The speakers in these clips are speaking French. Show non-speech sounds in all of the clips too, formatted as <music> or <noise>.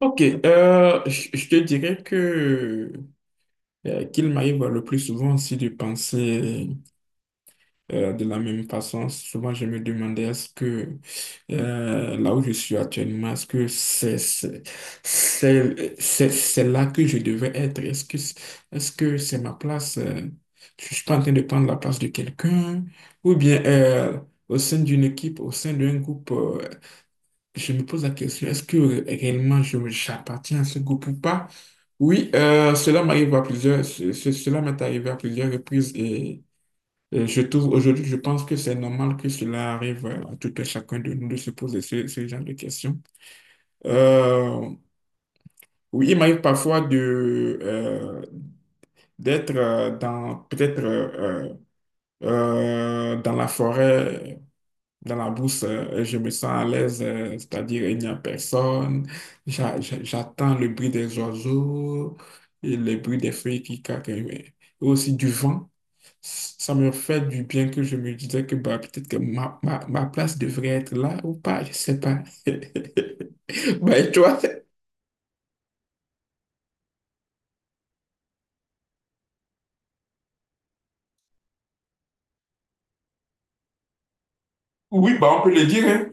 Ok, je te dirais que qu'il m'arrive le plus souvent aussi de penser de la même façon. Souvent, je me demandais est-ce que là où je suis actuellement, est-ce que c'est là que je devais être? Est-ce que c'est ma place? Je suis pas en train de prendre la place de quelqu'un? Ou bien, au sein d'une équipe, au sein d'un groupe? Je me pose la question, est-ce que réellement j'appartiens à ce groupe ou pas? Oui, cela m'arrive à plusieurs, cela m'est arrivé à plusieurs reprises, et je trouve aujourd'hui, je pense que c'est normal que cela arrive à tout et chacun de nous de se poser ce, ce genre de questions. Euh, oui, il m'arrive parfois de d'être, dans peut-être, dans la forêt. Dans la brousse, je me sens à l'aise, c'est-à-dire il n'y a personne. J'attends le bruit des oiseaux et le bruit des feuilles qui craquent, mais aussi du vent. Ça me fait du bien, que je me disais que bah, peut-être que ma place devrait être là ou pas, je sais pas. <laughs> Bah, et toi? Oui, bah, on peut le dire, hein.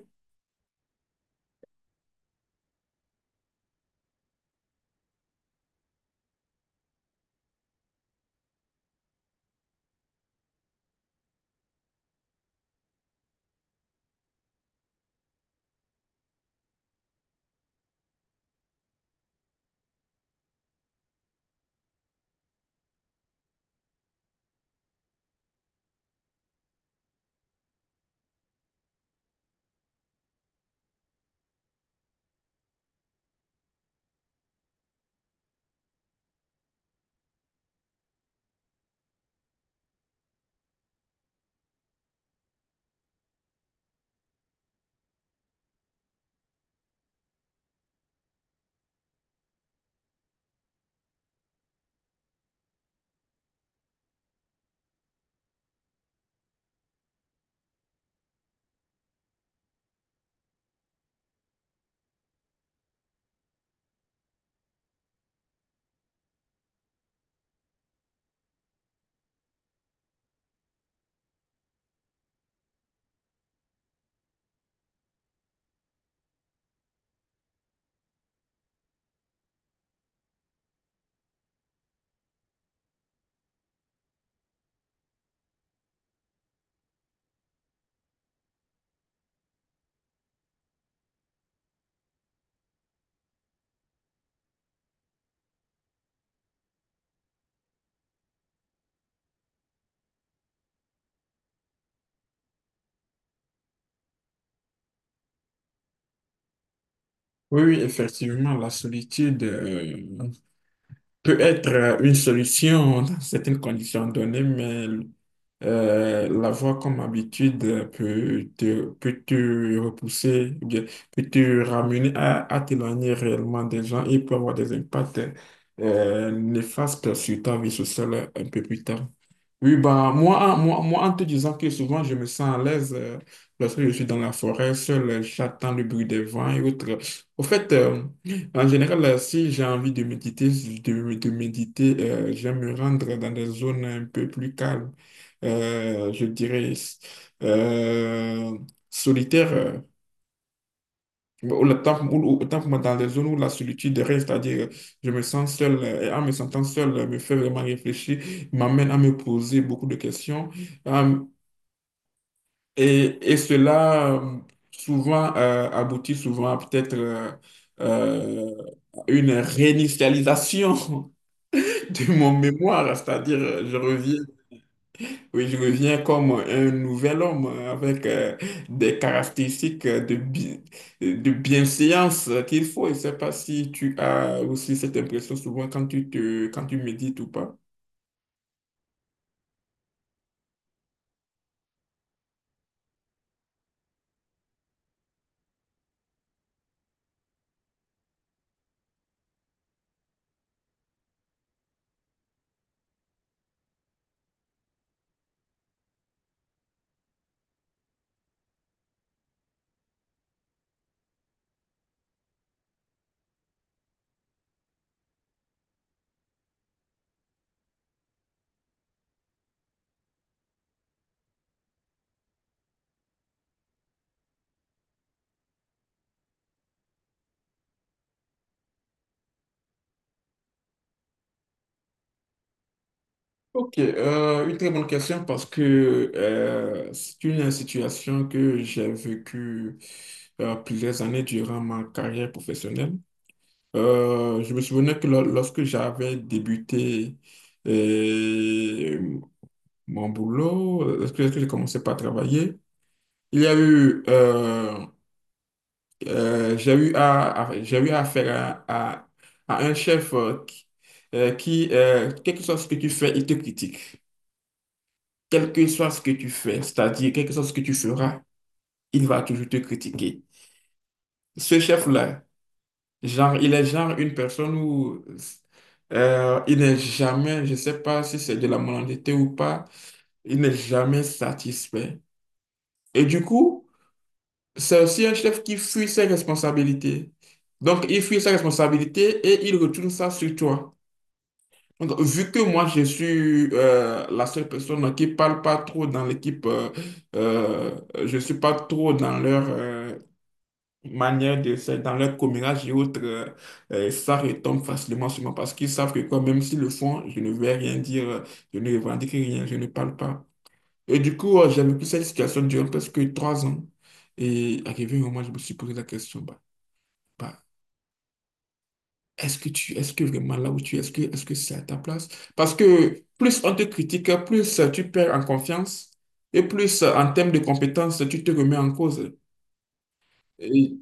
Oui, oui, effectivement, la solitude peut être, une solution dans certaines conditions données, mais l'avoir comme habitude peut te repousser, ou bien peut te ramener à t'éloigner réellement des gens et peut avoir des impacts néfastes sur ta vie sociale un peu plus tard. Oui, bah, moi, en te disant que souvent je me sens à l'aise lorsque je suis dans la forêt, seul, j'attends le bruit des vents et autres. Au fait, en général, si j'ai envie de méditer, de méditer, j'aime me rendre dans des zones un peu plus calmes, je dirais, euh, solitaires. Ou le temps, autant pour moi, dans les zones où la solitude règne, c'est-à-dire, je me sens seul, et en me sentant seul, me fait vraiment réfléchir, m'amène à me poser beaucoup de questions. Euh, et cela, souvent, aboutit souvent à peut-être, euh, une réinitialisation <laughs> de mon mémoire, c'est-à-dire, je reviens, oui, je reviens comme un nouvel homme, avec des caractéristiques de, de bienséance qu'il faut. Je ne sais pas si tu as aussi cette impression souvent quand tu te, quand tu médites ou pas. Ok, une très bonne question, parce que c'est une situation que j'ai vécue plusieurs années durant ma carrière professionnelle. Je me souvenais que lorsque j'avais débuté, euh, mon boulot, est-ce que j'ai commencé à travailler? Il y a eu, j'ai eu à, j'ai eu affaire à, à un chef, qui, quel que soit ce que tu fais, il te critique. Quel que soit ce que tu fais, c'est-à-dire quel que soit ce que tu feras, il va toujours te critiquer. Ce chef-là, genre, il est genre une personne où, il n'est jamais, je sais pas si c'est de la malhonnêteté ou pas, il n'est jamais satisfait. Et du coup, c'est aussi un chef qui fuit ses responsabilités. Donc, il fuit ses responsabilités et il retourne ça sur toi. Donc, vu que moi, je suis la seule personne qui parle pas trop dans l'équipe, euh, je suis pas trop dans leur, manière de faire, dans leur commérage et autres, ça retombe facilement sur moi parce qu'ils savent que quoi, même s'ils le font, je ne vais rien dire, je ne revendique rien, je ne parle pas. Et du coup, j'ai vécu cette situation durant presque 3 ans. Et arrivé un moment, je me suis posé la question, bah, est-ce que tu, est-ce que vraiment là où tu es, est-ce que c'est à ta place? Parce que plus on te critique, plus tu perds en confiance, et plus en termes de compétences, tu te remets en cause. Et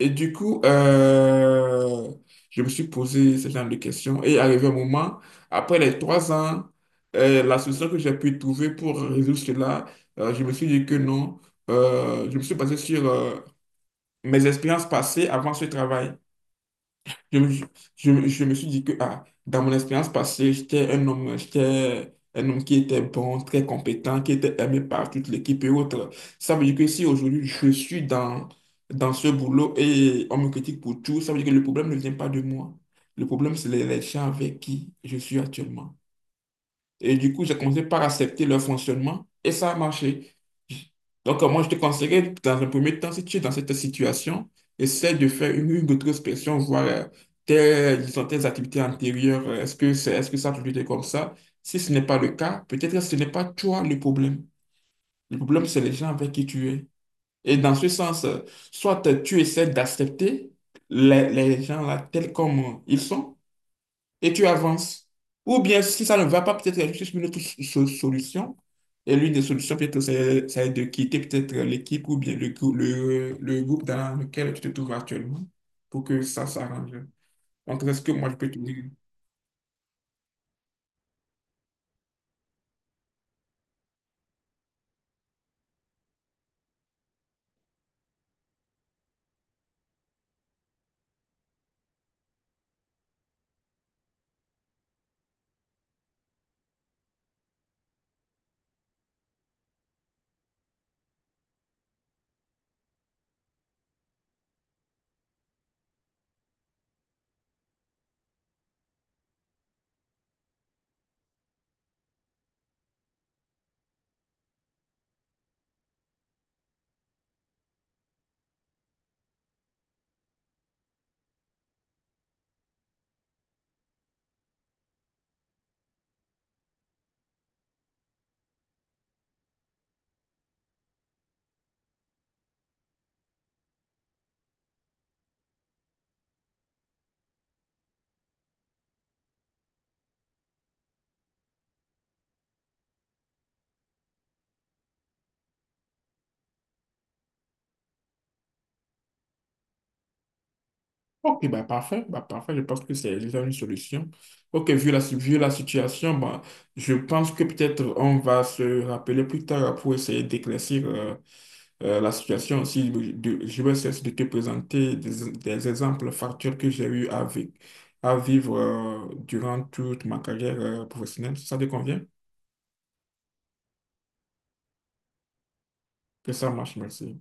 Et du coup, je me suis posé ce genre de questions, et arrivé un moment, après les 3 ans, la solution que j'ai pu trouver pour résoudre cela, je me suis dit que non, je me suis basé sur mes expériences passées avant ce travail. Je me, je me suis dit que ah, dans mon expérience passée, j'étais un homme qui était bon, très compétent, qui était aimé par toute l'équipe et autres. Ça veut dire que si aujourd'hui je suis dans, dans ce boulot et on me critique pour tout, ça veut dire que le problème ne vient pas de moi. Le problème, c'est les gens avec qui je suis actuellement. Et du coup, j'ai commencé par accepter leur fonctionnement et ça a marché. Donc, moi, je te conseillerais, dans un premier temps, si tu es dans cette situation, essaie de faire une introspection, voir tes, disons, tes activités antérieures. Est-ce que c'est, est-ce que ça a toujours été comme ça? Si ce n'est pas le cas, peut-être que ce n'est pas toi le problème. Le problème, c'est les gens avec qui tu es. Et dans ce sens, soit tu essaies d'accepter les gens là tels comme ils sont, et tu avances. Ou bien, si ça ne va pas, peut-être il y a juste une autre solution. Et l'une des solutions, peut-être, c'est de quitter peut-être l'équipe ou bien le, le groupe dans lequel tu te trouves actuellement pour que ça s'arrange. Donc, c'est ce que moi, je peux te dire. Ok, bah parfait, je pense que c'est déjà une solution. Ok, vu la, si-, vu la situation, bah, je pense que peut-être on va se rappeler plus tard pour essayer d'éclaircir, la situation aussi, je vais cesser de te présenter des exemples factuels que j'ai eu à, à vivre durant toute ma carrière professionnelle. Ça te convient? Que ça marche, merci.